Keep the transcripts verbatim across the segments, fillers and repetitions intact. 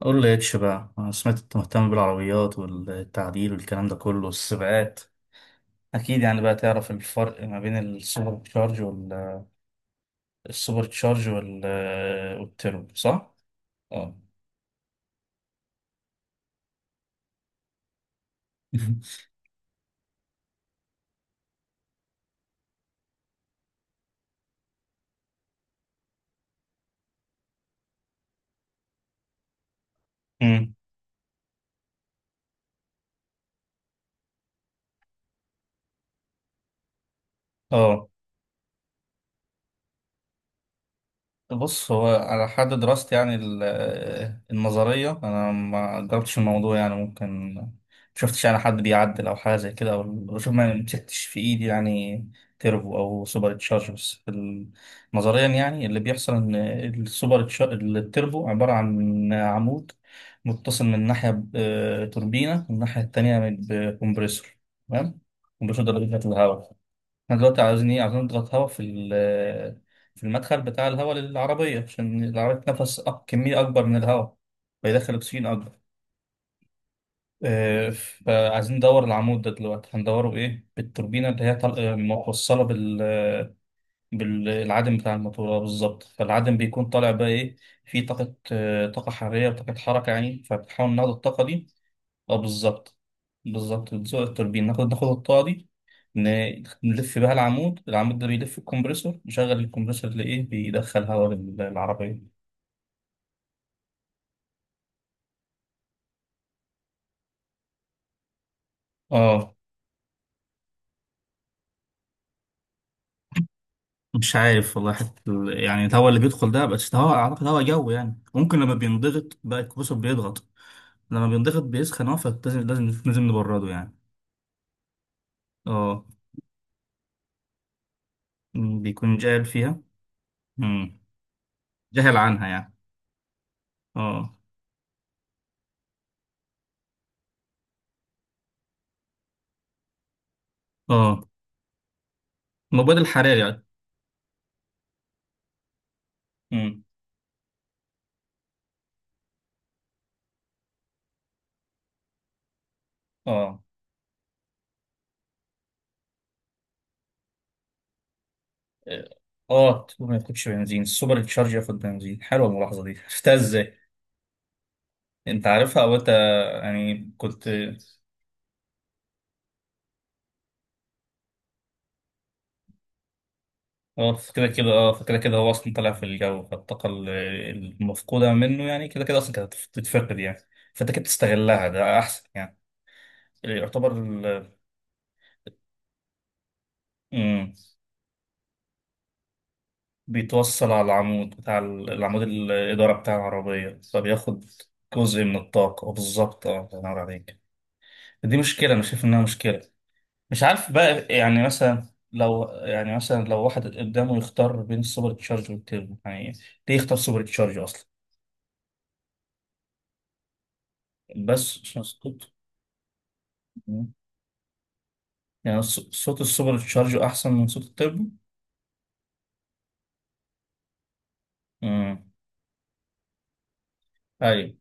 قول لي اتش بقى، انا سمعت انت مهتم بالعربيات والتعديل والكلام ده كله والسباقات. اكيد يعني بقى تعرف الفرق ما بين السوبر تشارج وال، السوبر تشارج وال والتربو، صح. اه. أمم. اه. بص، هو على حد دراستي يعني ال- النظرية أنا ما جربتش الموضوع، يعني ممكن مشفتش يعني حد بيعدل أو حاجة زي كده أو بشوف، ما مسكتش في إيدي يعني تيربو أو سوبر تشارجرز ال-، نظريا يعني اللي بيحصل إن السوبر تشا- التيربو عبارة عن عمود متصل من ناحية بتوربينة والناحية التانية بكمبريسور، تمام. كمبريسور ده اللي بيبعت الهواء. احنا دلوقتي عاوزين ايه؟ عاوزين نضغط هواء في ال- في المدخل بتاع الهواء للعربية، عشان العربية تنفس أك- كمية أكبر من الهواء، فيدخل أكسجين أكبر. آه، فعايزين ندور العمود ده دلوقتي، هندوره بإيه؟ بالتوربينة اللي هي طل- موصلة بال، بالعدم بتاع الموتور، آه، بالظبط. فالعدم بيكون طالع بقى إيه؟ فيه طاقة، آه، طاقة حرارية وطاقة حركة يعني، فبنحاول ناخد الطاقة دي. اه بالظبط. بالظبط بتزق التوربين، ناخد ناخد الطاقة دي، ن- نلف بيها العمود، العمود ده بيلف الكمبريسور، نشغل الكمبريسور لإيه؟ بيدخل هواء للعربية. اه. مش عارف والله، حتى ال- يعني الهواء اللي بيدخل ده بس هواء، أعتقد هواء جو يعني، ممكن لما بينضغط بقى، الكمبريسور بيضغط، لما بينضغط بيسخن، اه فلازم لازم لازم نبرده يعني. اه. م، بيكون جاهل فيها. مم. جاهل عنها يعني. اه. اه. المبيد الحراري يعني. مم. اه. اه تكون ما تاخدش بنزين، السوبر تشارج ياخد بنزين. حلوه الملاحظه دي، عرفتها ازاي؟ انت عارفها او انت يعني كنت، اه كده كده اه، فكده كده هو اصلا طالع في الجو، فالطاقه ال- المفقوده منه يعني كده كده اصلا كانت تتفقد يعني، فانت كده بتستغلها، ده احسن يعني. يعتبر ال-، مم. بيتوصل على العمود بتاع ال- العمود الاداره بتاع العربيه، فبياخد جزء من الطاقه، بالظبط اه. الله ينور عليك. دي مشكله، انا شايف انها مشكله. مش عارف بقى يعني مثلا، لو يعني مثلا لو واحد قدامه يختار بين السوبر تشارج والتيربو يعني، ليه يختار سوبر تشارج اصلا؟ بس عشان صوت؟ يعني ص- صوت السوبر تشارج احسن من صوت التيربو. امم. ايوه.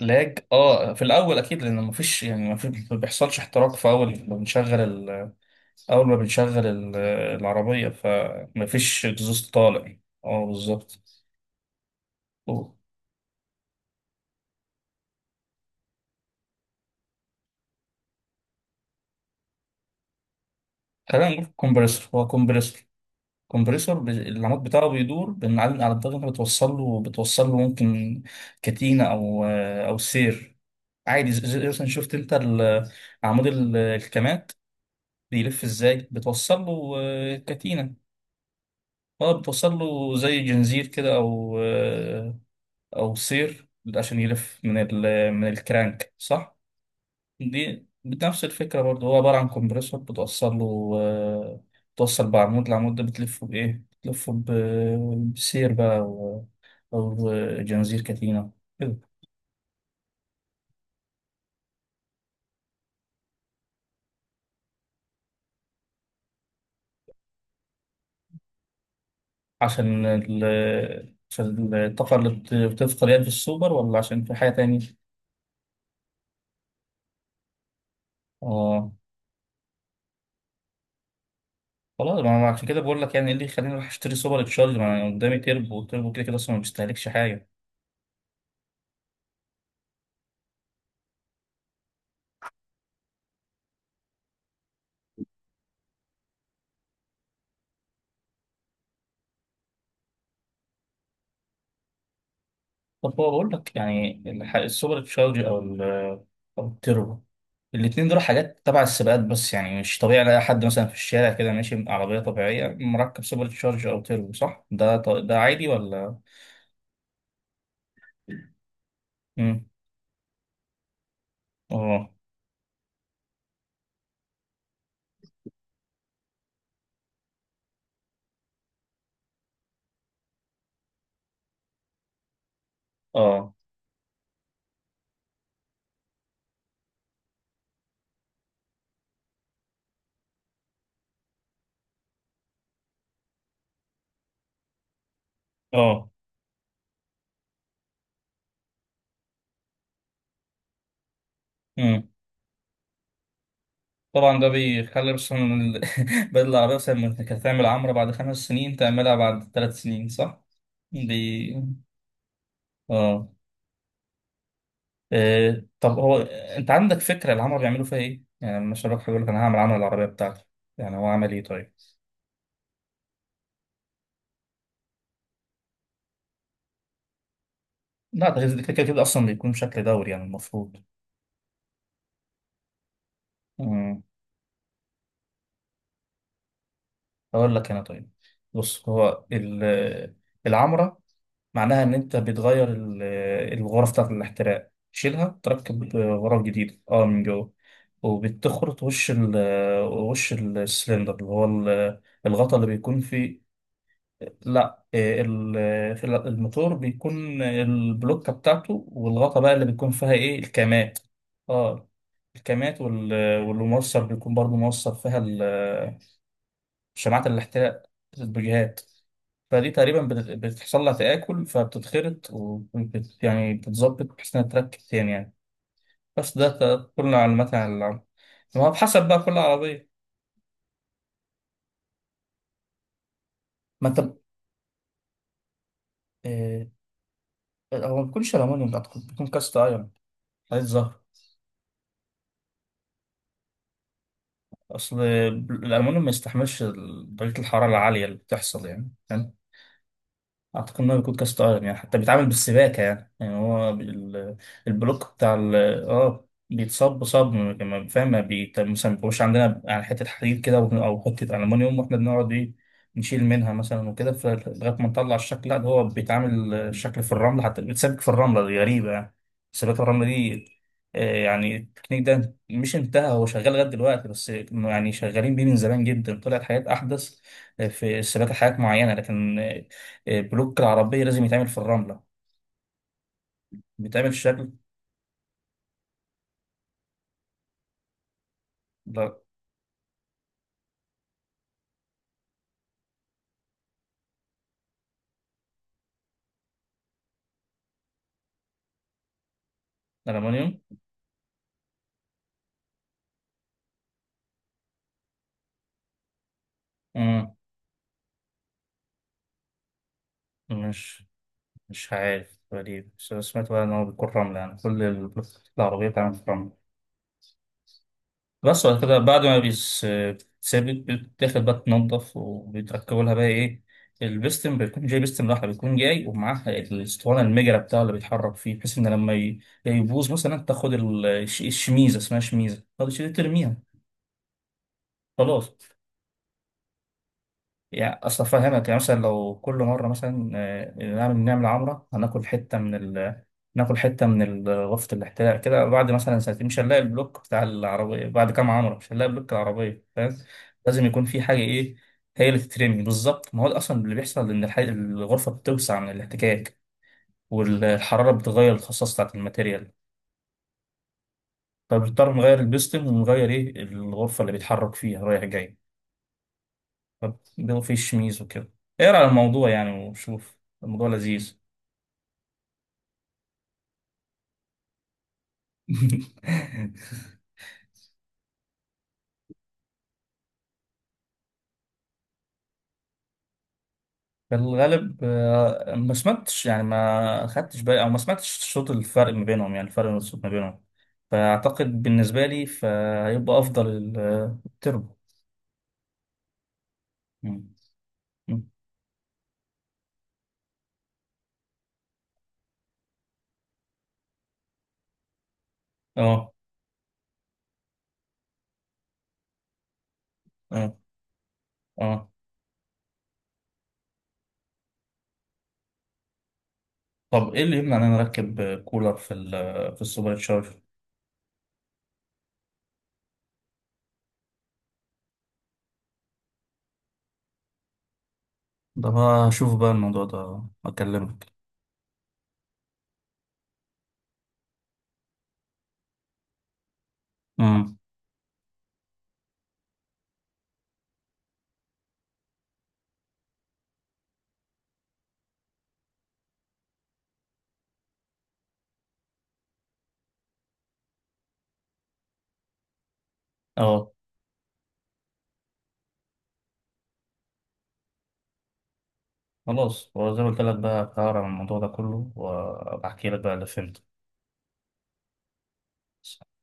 لاج، اه في الاول اكيد، لان مفيش، يعني مفيش، ما بيحصلش احتراق في اول ما بنشغل ال- اول ما بنشغل ال- العربيه، فمفيش اكزوست طالع. اه بالظبط. أوه. خلينا نقول كومبريسور، هو كومبريسور، كومبريسور ب- العمود بتاعه بيدور، بنعلم على الضغط، انت بتوصل له، بتوصل له ممكن كتينة او او سير، عادي زي زي مثلا شفت انت ال- عمود ال- الكمات بيلف ازاي، بتوصل له آه، كتينة، اه بتوصل له زي جنزير كده، او آه، او سير، عشان يلف من ال- من الكرانك صح. دي بنفس الفكرة برضه، هو عبارة عن كومبريسور، بتوصل له آه، بتوصل بعمود، العمود ده بتلفه بإيه؟ بتلفه ب- بسير بقى، أو أو جنزير كتينة كده. عشان ال، عشان الطاقة اللي بت- بتدخل يعني في السوبر، ولا عشان في حاجة تانية؟ آه. خلاص، ما أنا عشان كده بقول لك يعني إيه اللي يخليني أروح أشتري سوبر تشارج؟ ما أنا قدامي تربو، والتربو كده كده أصلا ما بيستهلكش حاجة. طب هو بقول لك يعني الح- السوبر تشارج، او ال- او التربو، الاتنين دول حاجات تبع السباقات، بس يعني مش طبيعي الاقي حد مثلا في الشارع كده ماشي بعربيه طبيعيه مركب سوبر تشارج او تربو، صح؟ ده ط- ده عادي ولا؟ امم. اه. اه. اه. امم. طبعا ده بيخلي مثلا ال- بدل العربيه مثلا ما كانت تعمل عمره بعد خمس سنين تعملها بعد ثلاث سنين، صح. دي، اه. آه، طب هو انت عندك فكره العمر بيعملوا فيها ايه؟ يعني لما شباب حاجه يقول لك انا هعمل عمل العربيه بتاعتي، يعني هو عمل ايه طيب؟ لا، ده كده كده كده اصلا بيكون بشكل دوري يعني، المفروض. مم. اقول لك انا، طيب. بص هو ال- العمره، معناها ان انت بتغير ال- الغرف بتاعت الاحتراق، تشيلها تركب غرف جديده اه من جوه، وبتخرط وش ال، وش السلندر اللي هو ال- الغطا اللي بيكون فيه، لا إيه، ال- في ال- الموتور بيكون البلوكة بتاعته، والغطا بقى اللي بيكون فيها ايه، الكامات. اه. الكامات وال- والموصل بيكون برضو موصل فيها ال- شماعات الاحتراق، الاتجاهات. فدي تقريبا بت- بتحصل لها تآكل، فبتتخرط، وبت يعني بتتظبط بحيث انها تركب تاني يعني. بس ده ت- كل معلومات عن العربية، ما هو بحسب بقى كل عربية. ما انت إيه، هو ما بيكونش الألمونيوم، أعتقد بيكون كاست أيرون، حديد زهر. اصل الالومنيوم ما يستحملش درجه الحراره العاليه اللي بتحصل يعني، اعتقد انه بيكون كاس عالم يعني، حتى بيتعامل بالسباكه يعني، يعني هو بال- البلوك بتاع ال-، اه بيتصب صب، ما- فاهم؟ ما بيت- مثلا ما بيبقاش عندنا يعني حته حديد كده او أو حته المونيوم، واحنا بنقعد ايه نشيل منها مثلا وكده، ف- لغايه ما نطلع الشكل. لا، ده هو بيتعامل الشكل في الرمله، حتى بيتسابك في الرمله، دي غريبه يعني، سباكه الرمله دي. آه، يعني التكنيك ده مش انتهى، هو شغال لغايه دلوقتي، بس إنه يعني شغالين بيه من زمان جدا، طلعت حاجات احدث في السباكه، حاجات معينه، لكن البلوك العربية لازم يتعمل في الرملة، بيتعمل في شكل. لا- ألمونيوم. مم. مش مش عارف، غريب، بس أنا سمعت بقى إن هو بيكون رملة، يعني كل البلوك العربية بتتعمل في الرملة، بس بعد كده، بعد ما بيس- بتتثبت، بتاخد بقى تنضف، وبيتركبوا لها بقى إيه، البستم بيكون جاي، بستم لوحده بيكون جاي، ومعاها الاسطوانة المجرة بتاعه اللي بيتحرك فيه، بحيث إن لما ي- يبوظ مثلا، تاخد ال- الش- الشميزة، اسمها شميزة، تاخد الشميزة ترميها. خلاص، يعني اصل افهمك يعني، مثلا لو كل مره مثلا آه، نعمل نعمل عمره، هناكل حته من ال... ناكل حته من ال- غرفه الاحتلال كده، بعد مثلا سنتين مش هنلاقي البلوك بتاع العربيه، بعد كام عمره مش هنلاقي بلوك العربيه، فاهم؟ لازم يكون في حاجه ايه، هي اللي تترمي بالظبط، ما هو ده اصلا اللي بيحصل، ان الح... الغرفه بتوسع من الاحتكاك، والحراره بتغير الخاصيه بتاعت الماتيريال. فبنضطر نغير البيستم، ونغير ايه، الغرفه اللي بيتحرك فيها رايح جاي، فبيضوا فيه الشميز وكده. اقرا على الموضوع يعني وشوف، الموضوع لذيذ. في الغالب آه، ما سمعتش يعني، ما خدتش بالي او ما سمعتش صوت الفرق ما بينهم يعني، الفرق الصوت ما بينهم، فاعتقد بالنسبه لي فهيبقى افضل ال- آه، التربو. مم. مم. اه. اه. اه. طب ايه اللي يمنع ان انا اركب آه، كولر في ال آه، في السوبر تشارجر؟ ده بقى اشوف بقى الموضوع ده، اكلمك. امم. اه. خلاص، وزي ما قلت لك بقى هقرا عن الموضوع ده كله وبحكي لك بقى اللي فهمته.